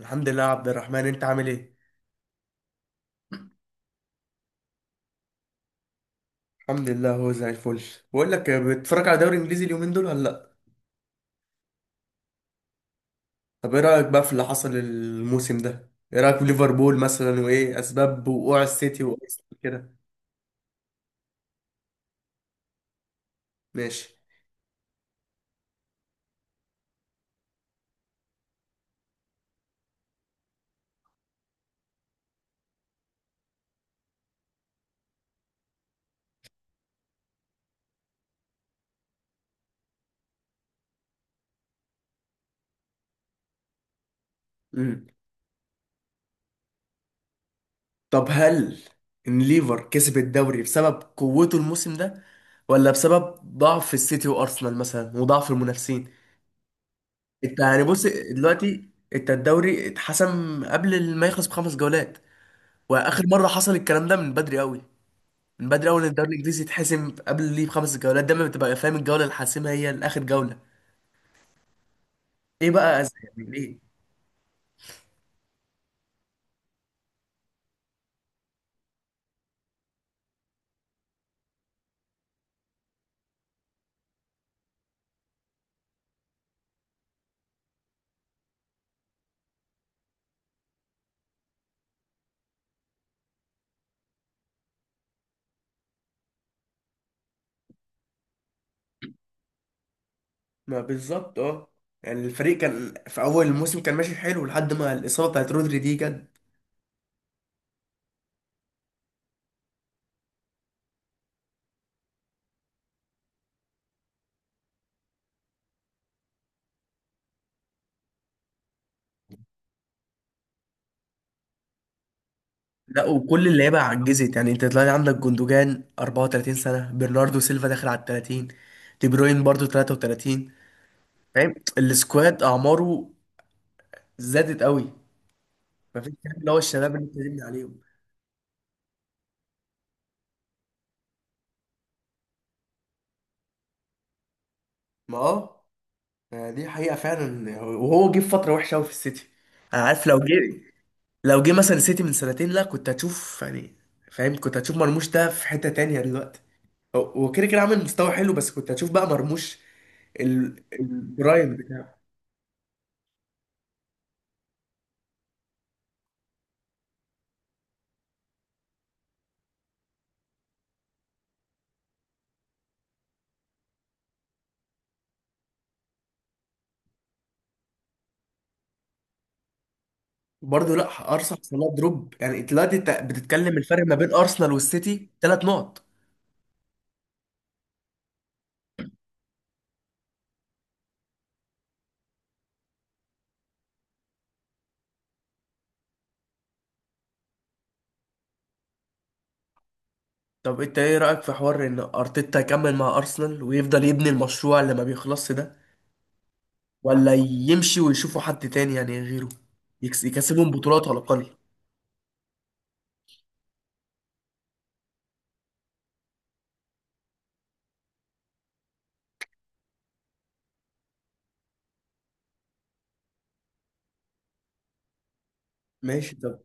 الحمد لله يا عبد الرحمن، انت عامل ايه؟ الحمد لله، هو زي الفل. بقول لك، بتتفرج على دوري انجليزي اليومين دول ولا لا؟ طب ايه رايك بقى في اللي حصل الموسم ده؟ ايه رايك في ليفربول مثلا، وايه اسباب وقوع السيتي وارسنال كده؟ ماشي. امم طب هل ان ليفر كسب الدوري بسبب قوته الموسم ده، ولا بسبب ضعف السيتي وارسنال مثلا وضعف المنافسين؟ انت يعني بص، دلوقتي انت الدوري اتحسم قبل ما يخلص بخمس جولات. واخر مره حصل الكلام ده من بدري قوي، من بدري. اول الدوري الانجليزي يتحسم قبل ليه بخمس جولات؟ دايما بتبقى فاهم الجوله اللي حاسمها هي الاخر جوله. ايه بقى يعني ليه؟ ما بالظبط اه، يعني الفريق كان في اول الموسم كان ماشي حلو، لحد ما الاصابه بتاعت رودري دي جت. لا وكل اللعيبه عجزت، يعني انت تلاقي عندك جوندوجان 34 سنه، برناردو سيلفا داخل على ال 30، دي بروين برضو 33. فاهم؟ السكواد اعماره زادت قوي. مفيش كلام، اللي هو الشباب اللي اتكلمنا عليهم. ما اه، دي حقيقة فعلا، وهو جه في فترة وحشة أوي في السيتي. أنا عارف لو جه، لو جه مثلا السيتي من سنتين، لا كنت هتشوف يعني، فاهم، كنت هتشوف مرموش ده في حتة تانية دلوقتي. هو كده كده عامل مستوى حلو، بس كنت هتشوف بقى مرموش البرايم بتاعه. برضه لا، أرسنال حصل لها دروب. يعني دلوقتي أنت بتتكلم الفرق ما بين أرسنال والسيتي ثلاث نقط. طب أنت إيه رأيك في حوار إن أرتيتا يكمل مع أرسنال، ويفضل يبني المشروع اللي ما بيخلصش ده، ولا يمشي ويشوفوا حد تاني يعني غيره؟ يكسبهم بطولات على الأقل. ماشي طب.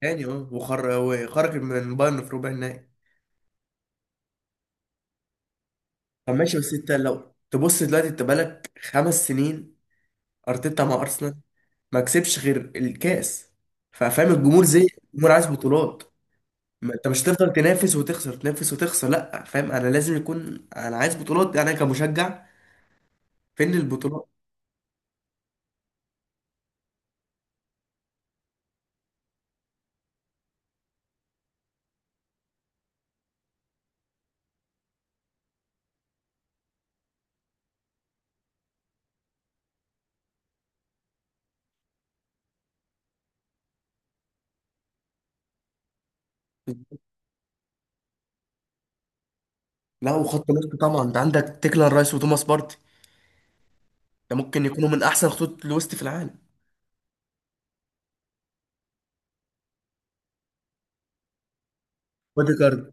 تاني اه، وخر وخرج من بايرن في ربع النهائي. طب ماشي، بس انت لو تبص دلوقتي، انت بقالك خمس سنين ارتيتا مع ارسنال، ما كسبش غير الكاس. ففاهم الجمهور زي، الجمهور عايز بطولات. ما انت مش هتفضل تنافس وتخسر، تنافس وتخسر، لا فاهم، انا لازم يكون، انا عايز بطولات انا كمشجع. فين البطولات؟ لا وخط نص طبعا، انت عندك تيكلان رايس وتوماس بارتي، ده ممكن يكونوا من احسن خطوط الوسط في العالم. اوديجارد.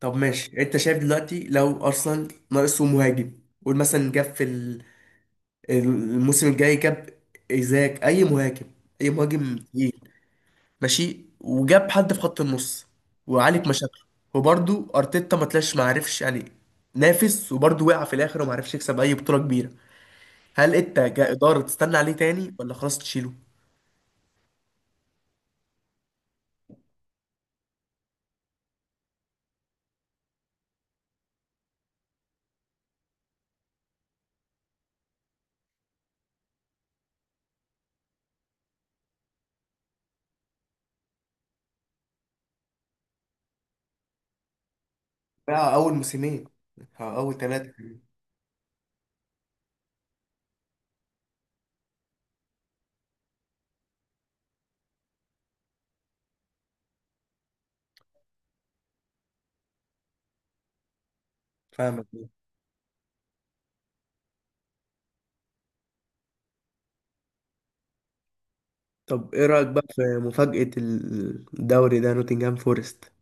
طب ماشي، انت شايف دلوقتي لو ارسنال ناقصه مهاجم، قول مثلا جاب في الموسم الجاي جاب ايزاك، اي مهاجم، اي مهاجم تقيل، ماشي، وجاب حد في خط النص وعالج مشاكله، وبرده ارتيتا ما طلعش، ما عرفش يعني، نافس وبرده وقع في الاخر وما عرفش يكسب اي بطولة كبيرة، هل انت كإدارة تستنى عليه تاني ولا خلاص تشيله؟ بقى اول موسمين أو اول ثلاثة. فاهمك. طب ايه رأيك بقى في مفاجأة الدوري ده، نوتنجهام فورست؟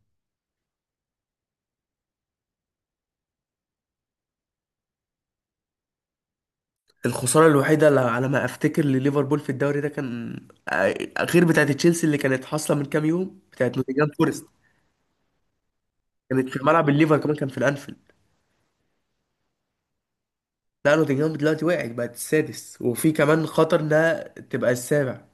الخسارة الوحيدة اللي على ما افتكر لليفربول في الدوري ده كان، آه، غير بتاعة تشيلسي اللي كانت حاصلة من كام يوم، بتاعة نوتنجهام فورست. كانت في ملعب الليفر كمان، كان في الانفيلد. لا نوتنجهام دلوقتي وقعت، بقت السادس، وفي كمان خطر انها تبقى السابع.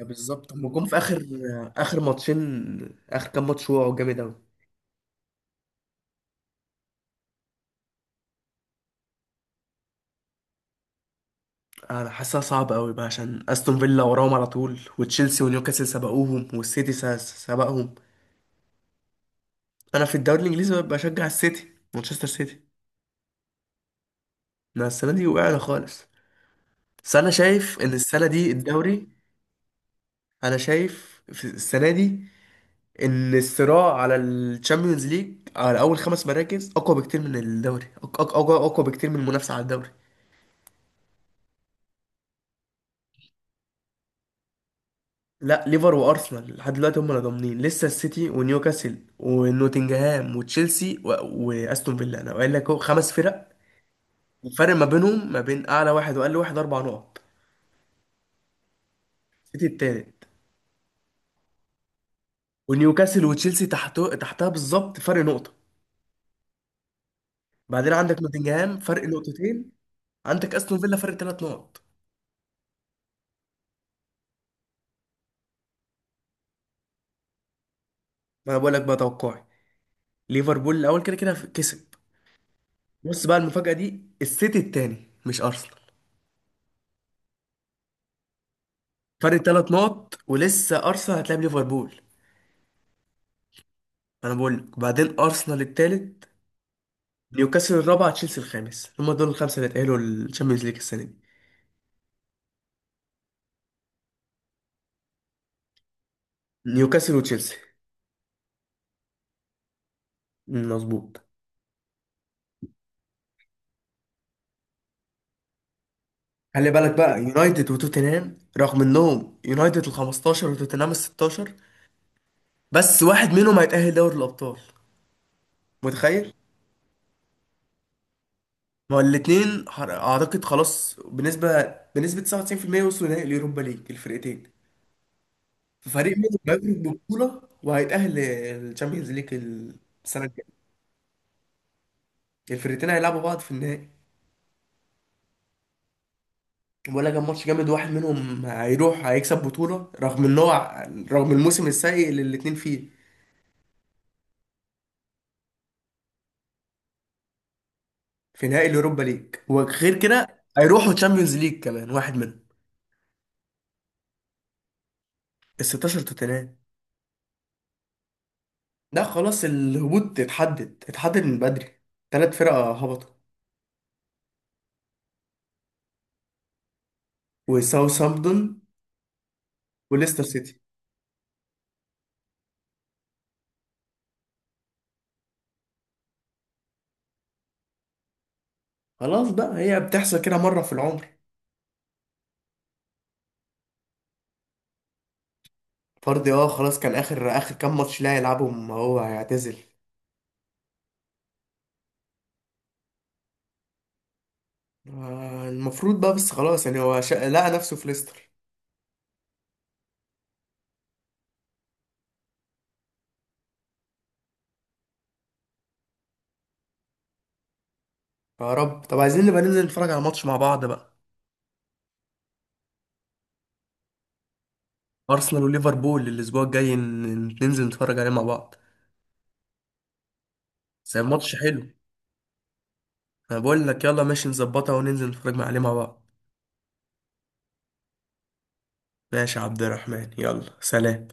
بالظبط، هم جم في اخر ماتشين اخر كام ماتش وقعوا جامد قوي. انا حاسسها صعبه قوي بقى، عشان استون فيلا وراهم على طول، وتشيلسي ونيوكاسل سبقوهم، والسيتي سبقهم. انا في الدوري الانجليزي بشجع السيتي، مانشستر سيتي. انا السنه دي وقعنا خالص، بس انا شايف ان السنه دي الدوري، انا شايف في السنه دي ان الصراع على الشامبيونز ليج على اول خمس مراكز اقوى بكتير من الدوري، اقوى اقوى بكتير من المنافسه على الدوري. لا ليفر وارسنال لحد دلوقتي هم اللي ضامنين لسه، السيتي ونيوكاسل ونوتنجهام وتشيلسي واستون فيلا، انا قايل لك أهو خمس فرق. الفرق ما بينهم ما بين اعلى واحد واقل واحد اربع نقط. السيتي التالت، ونيوكاسل وتشيلسي تحته تحتها بالظبط فرق نقطة، بعدين عندك نوتنجهام فرق نقطتين، عندك استون فيلا فرق ثلاث نقط. ما انا بقول لك بقى توقعي، ليفربول الاول كده كده كسب، بص بقى المفاجأة دي، السيتي التاني مش ارسنال، فرق ثلاث نقط ولسه ارسنال هتلاعب ليفربول. انا بقول لك، بعدين ارسنال التالت، نيوكاسل الرابع، تشيلسي الخامس، هما دول الخمسة اللي اتأهلوا للتشامبيونز ليج السنة دي. نيوكاسل وتشيلسي. مظبوط. خلي بالك بقى، يونايتد وتوتنهام رغم انهم يونايتد ال 15 وتوتنهام ال 16، بس واحد منهم هيتأهل دوري الأبطال، متخيل؟ ما هو الاتنين أعتقد خلاص بنسبة 99% وصلوا نهائي اليوروبا ليج الفرقتين، ففريق منهم هيخرج ببطولة وهيتأهل للشامبيونز ليج السنة الجاية. الفرقتين هيلعبوا بعض في النهائي، ولا كان ماتش جامد، واحد منهم هيروح هيكسب بطولة، رغم ان هو، رغم الموسم السيء اللي الاتنين فيه، في نهائي اليوروبا ليج، وغير كده هيروحوا تشامبيونز ليج كمان واحد منهم. ال 16 توتنهام. ده خلاص الهبوط اتحدد من بدري، ثلاث فرق هبطوا، وساوثهامبتون وليستر سيتي. خلاص بقى، هي بتحصل كده مرة في العمر. فاردي اه، خلاص كان اخر كام ماتش لا يلعبهم هو هيعتزل. المفروض بقى، بس خلاص يعني هو لقى نفسه في ليستر. يا رب. طب عايزين نبقى ننزل نتفرج على ماتش مع بعض بقى. ارسنال وليفربول الاسبوع الجاي، ننزل نتفرج عليه مع بعض، بس الماتش حلو. انا بقول لك يلا، ماشي، نظبطها وننزل نتفرج عليه مع بعض. ماشي يا عبد الرحمن، يلا سلام.